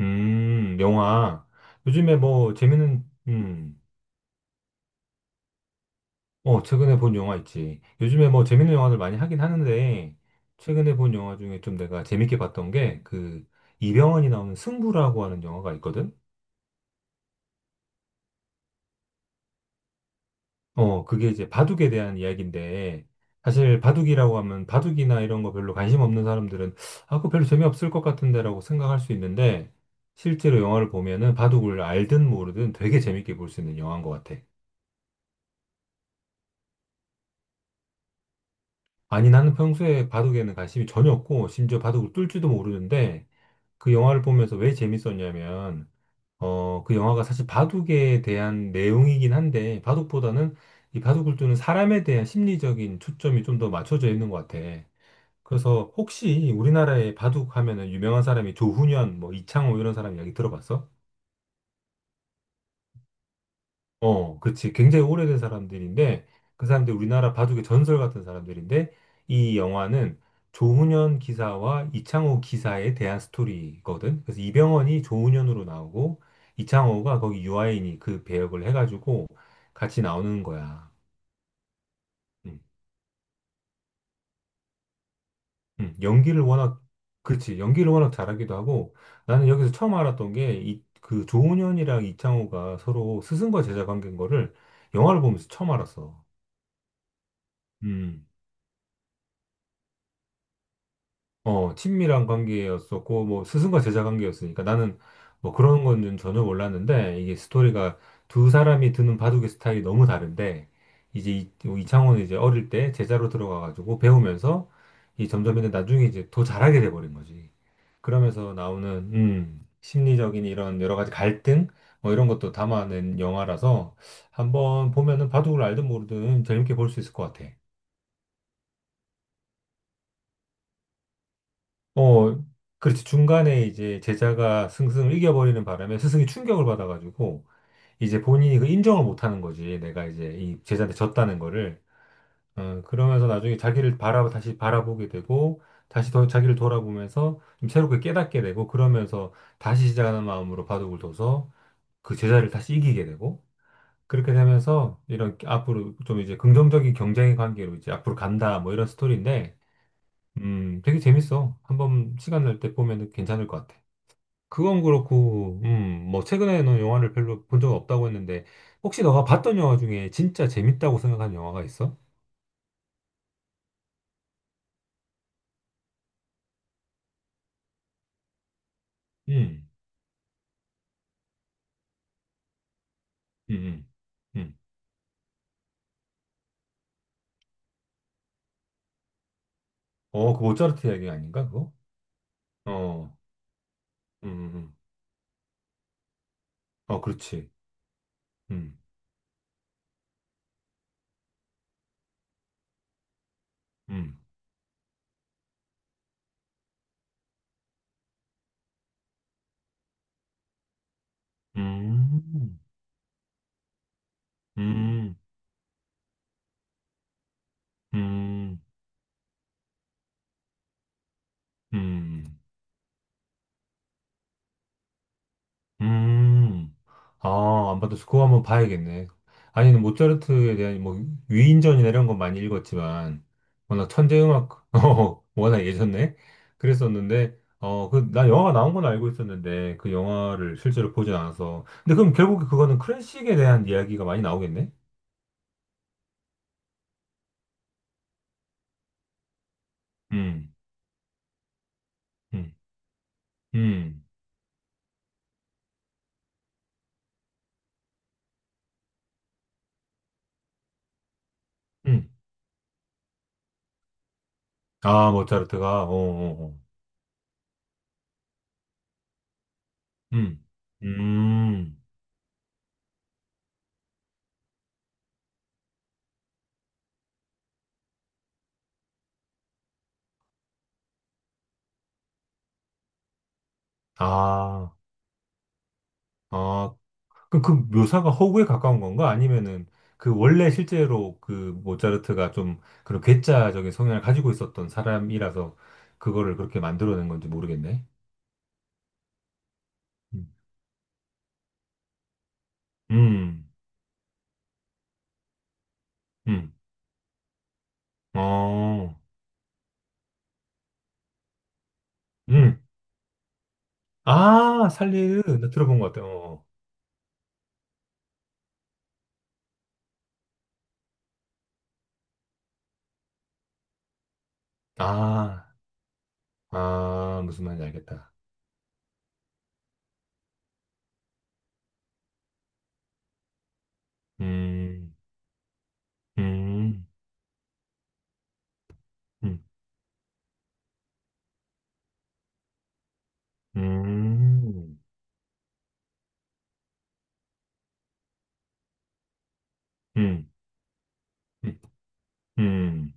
영화. 요즘에 뭐 재밌는, 음, 어, 최근에 본 영화 있지. 요즘에 뭐 재밌는 영화들 많이 하긴 하는데, 최근에 본 영화 중에 좀 내가 재밌게 봤던 게, 그, 이병헌이 나오는 승부라고 하는 영화가 있거든? 그게 이제 바둑에 대한 이야기인데, 사실 바둑이라고 하면 바둑이나 이런 거 별로 관심 없는 사람들은, 아, 그거 별로 재미없을 것 같은데라고 생각할 수 있는데, 실제로 영화를 보면은 바둑을 알든 모르든 되게 재밌게 볼 수 있는 영화인 것 같아. 아니, 나는 평소에 바둑에는 관심이 전혀 없고, 심지어 바둑을 뚫 줄도 모르는데, 그 영화를 보면서 왜 재밌었냐면, 그 영화가 사실 바둑에 대한 내용이긴 한데, 바둑보다는 이 바둑을 두는 사람에 대한 심리적인 초점이 좀 더 맞춰져 있는 것 같아. 그래서 혹시 우리나라에 바둑 하면은 유명한 사람이 조훈현, 뭐 이창호 이런 사람 이야기 들어봤어? 어, 그렇지. 굉장히 오래된 사람들인데, 그 사람들이 우리나라 바둑의 전설 같은 사람들인데, 이 영화는 조훈현 기사와 이창호 기사에 대한 스토리거든. 그래서 이병헌이 조훈현으로 나오고, 이창호가 거기 유아인이 그 배역을 해가지고 같이 나오는 거야. 음. 음. 연기를 워낙, 그렇지. 연기를 워낙 잘하기도 하고, 나는 여기서 처음 알았던 게, 이, 그 조훈현이랑 이창호가 서로 스승과 제자 관계인 거를 영화를 보면서 처음 알았어. 음. 어, 친밀한 관계였었고, 뭐, 스승과 제자 관계였으니까 나는 뭐 그런 건 좀 전혀 몰랐는데, 이게 스토리가 두 사람이 드는 바둑의 스타일이 너무 다른데, 이제 이창호는 이제 어릴 때 제자로 들어가가지고 배우면서, 이 점점 이제 나중에 이제 더 잘하게 돼버린 거지. 그러면서 나오는, 심리적인 이런 여러 가지 갈등, 뭐 이런 것도 담아낸 영화라서, 한번 보면은 바둑을 알든 모르든 재밌게 볼 수 있을 것 같아. 어, 그렇지. 중간에 이제 제자가 승승을 이겨버리는 바람에 스승이 충격을 받아가지고, 이제 본인이 그 인정을 못하는 거지. 내가 이제 이 제자한테 졌다는 거를. 그러면서 나중에 자기를 다시 바라보게 되고, 다시 더 자기를 돌아보면서 좀 새롭게 깨닫게 되고, 그러면서 다시 시작하는 마음으로 바둑을 둬서 그 제자를 다시 이기게 되고, 그렇게 되면서 이런 앞으로 좀 이제 긍정적인 경쟁의 관계로 이제 앞으로 간다, 뭐 이런 스토리인데, 되게 재밌어. 한번 시간 날 때 보면 괜찮을 것 같아. 그건 그렇고, 뭐, 최근에 너 영화를 별로 본 적 없다고 했는데, 혹시 너가 봤던 영화 중에 진짜 재밌다고 생각한 영화가 있어? 음. 음. 음. 음. 어, 그 모차르트 이야기 아닌가, 그거? 어. 음. 음. 음. 어, 그렇지. 음. 음. 음. 음. 음. 음. 음. 아, 안 받았어. 그거 한번 봐야겠네. 아니, 모차르트에 대한 뭐 위인전이나 이런 건 많이 읽었지만, 워낙 천재 음악, 워낙 예전에 그랬었는데, 그, 나 영화가 나온 건 알고 있었는데, 그 영화를 실제로 보진 않아서. 근데 그럼 결국에 그거는 클래식에 대한 이야기가 많이 나오겠네? 음. 음. 음. 음. 아, 모차르트가, 어, 어, 어. 음. 음. 아, 아, 그럼 그 묘사가 허구에 가까운 건가? 아니면은 그 원래 실제로 그 모차르트가 좀 그런 괴짜적인 성향을 가지고 있었던 사람이라서 그거를 그렇게 만들어낸 건지 모르겠네. 음. 음. 음. 어, 음. 아, 살리르. 나 들어본 것 같아. 어. 어. 아, 아, 무슨 말인지 알겠다. 음. 음. 음. 음. 음. 음. 음.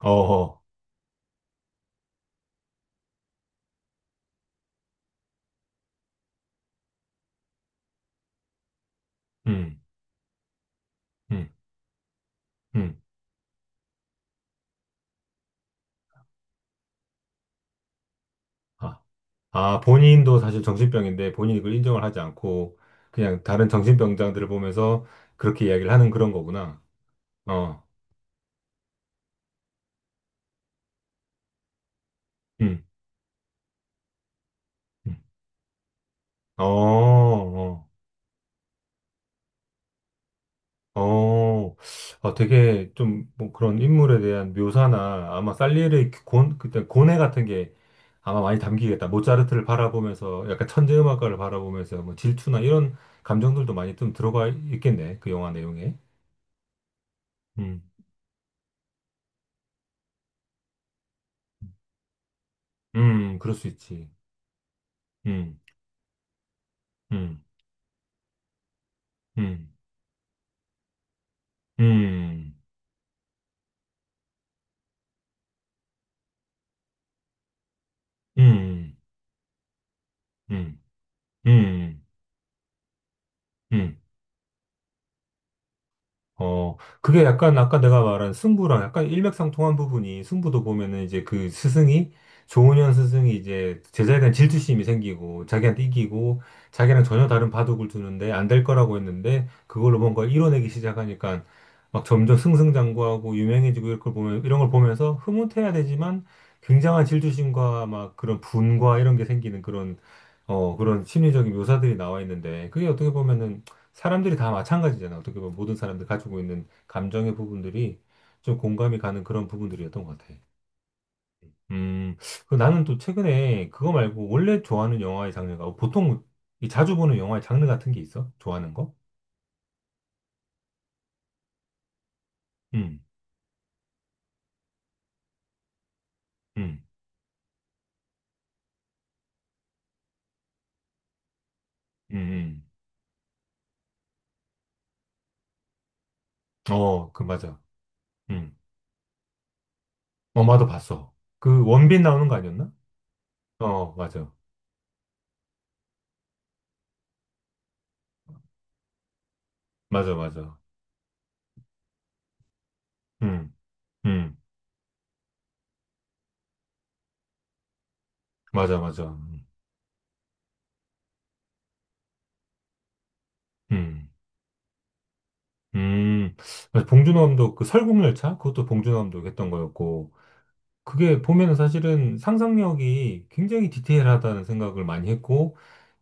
어허, 음. 음. 음. 아. 아, 본인도 사실 정신병인데 본인이 그걸 인정을 하지 않고 그냥 다른 정신병자들을 보면서 그렇게 이야기를 하는 그런 거구나. 어, 음. 음. 어, 어, 어, 아, 되게 좀 뭐 그런 인물에 대한 묘사나 아마 살리에르의 그때 고뇌 같은 게 아마 많이 담기겠다. 모차르트를 바라보면서 약간 천재 음악가를 바라보면서 뭐 질투나 이런 감정들도 많이 좀 들어가 있겠네. 그 영화 내용에. 음. 음. 그럴 수 있지. 음. 음. 음. 음. 음. 음. 음. 음. 음. 어, 그게 약간 아까 내가 말한 승부랑 약간 일맥상통한 부분이 승부도 보면은 이제 그 스승이 조은현 스승이 이제 제자에 대한 질투심이 생기고 자기한테 이기고 자기랑 전혀 다른 바둑을 두는데 안 될 거라고 했는데 그걸로 뭔가 이뤄내기 시작하니까 막 점점 승승장구하고 유명해지고 이걸 보면 이런 걸 보면서 흐뭇해야 되지만 굉장한 질투심과 막 그런 분과 이런 게 생기는 그런 심리적인 묘사들이 나와 있는데 그게 어떻게 보면은 사람들이 다 마찬가지잖아. 어떻게 보면 모든 사람들 가지고 있는 감정의 부분들이 좀 공감이 가는 그런 부분들이었던 것 같아. 음, 그 나는 또 최근에 그거 말고 원래 좋아하는 영화의 장르가 보통 이 자주 보는 영화의 장르 같은 게 있어? 좋아하는 거? 음. 음. 음. 음. 어, 그 맞아. 음, 엄마도 봤어. 그 원빈 나오는 거 아니었나? 어, 맞아, 맞아, 맞아. 음, 음, 맞아, 맞아. 음. 음. 음, 맞아. 봉준호 감독 그 설국열차, 그것도 봉준호 감독 했던 거였고, 그게 보면은 사실은 상상력이 굉장히 디테일하다는 생각을 많이 했고,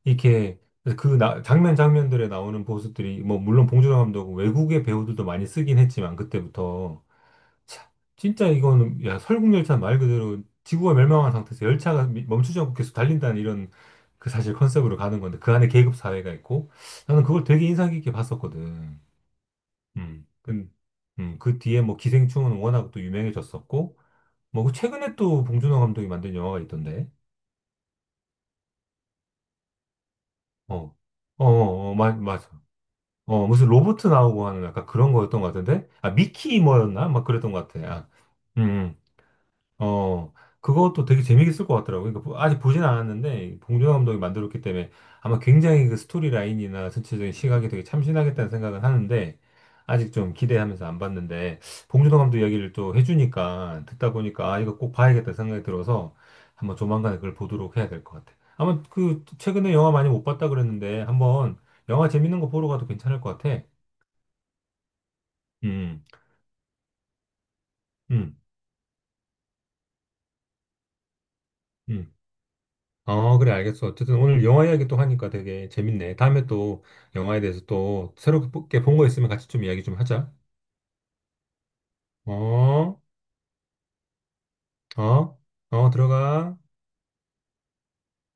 이렇게 그 장면 장면들에 나오는 보수들이, 뭐 물론 봉준호 감독은 외국의 배우들도 많이 쓰긴 했지만 그때부터 참, 진짜 이거는 야, 설국열차 말 그대로 지구가 멸망한 상태에서 열차가 멈추지 않고 계속 달린다는 이런 그 사실 컨셉으로 가는 건데, 그 안에 계급 사회가 있고, 나는 그걸 되게 인상 깊게 봤었거든. 그, 그 뒤에 뭐 기생충은 워낙 또 유명해졌었고, 뭐그 최근에 또 봉준호 감독이 만든 영화가 있던데, 어, 어, 어, 어, 맞아. 어, 무슨 로봇 나오고 하는 약간 그런 거였던 것 같은데, 아, 미키 뭐였나? 막 그랬던 것 같아. 아, 음. 어, 그것도 되게 재밌을 것 같더라고요. 그러니까 아직 보진 않았는데, 봉준호 감독이 만들었기 때문에 아마 굉장히 그 스토리 라인이나 전체적인 시각이 되게 참신하겠다는 생각은 하는데, 아직 좀 기대하면서 안 봤는데, 봉준호 감독 이야기를 또 해주니까, 듣다 보니까, 아, 이거 꼭 봐야겠다 생각이 들어서, 한번 조만간에 그걸 보도록 해야 될 것 같아요. 아마 그, 최근에 영화 많이 못 봤다 그랬는데, 한번 영화 재밌는 거 보러 가도 괜찮을 것 같아. 음. 음. 음. 어, 그래, 알겠어. 어쨌든 오늘 영화 이야기 또 하니까 되게 재밌네. 다음에 또 영화에 대해서 또 새롭게 본 거 있으면 같이 좀 이야기 좀 하자. 어, 어, 어, 들어가.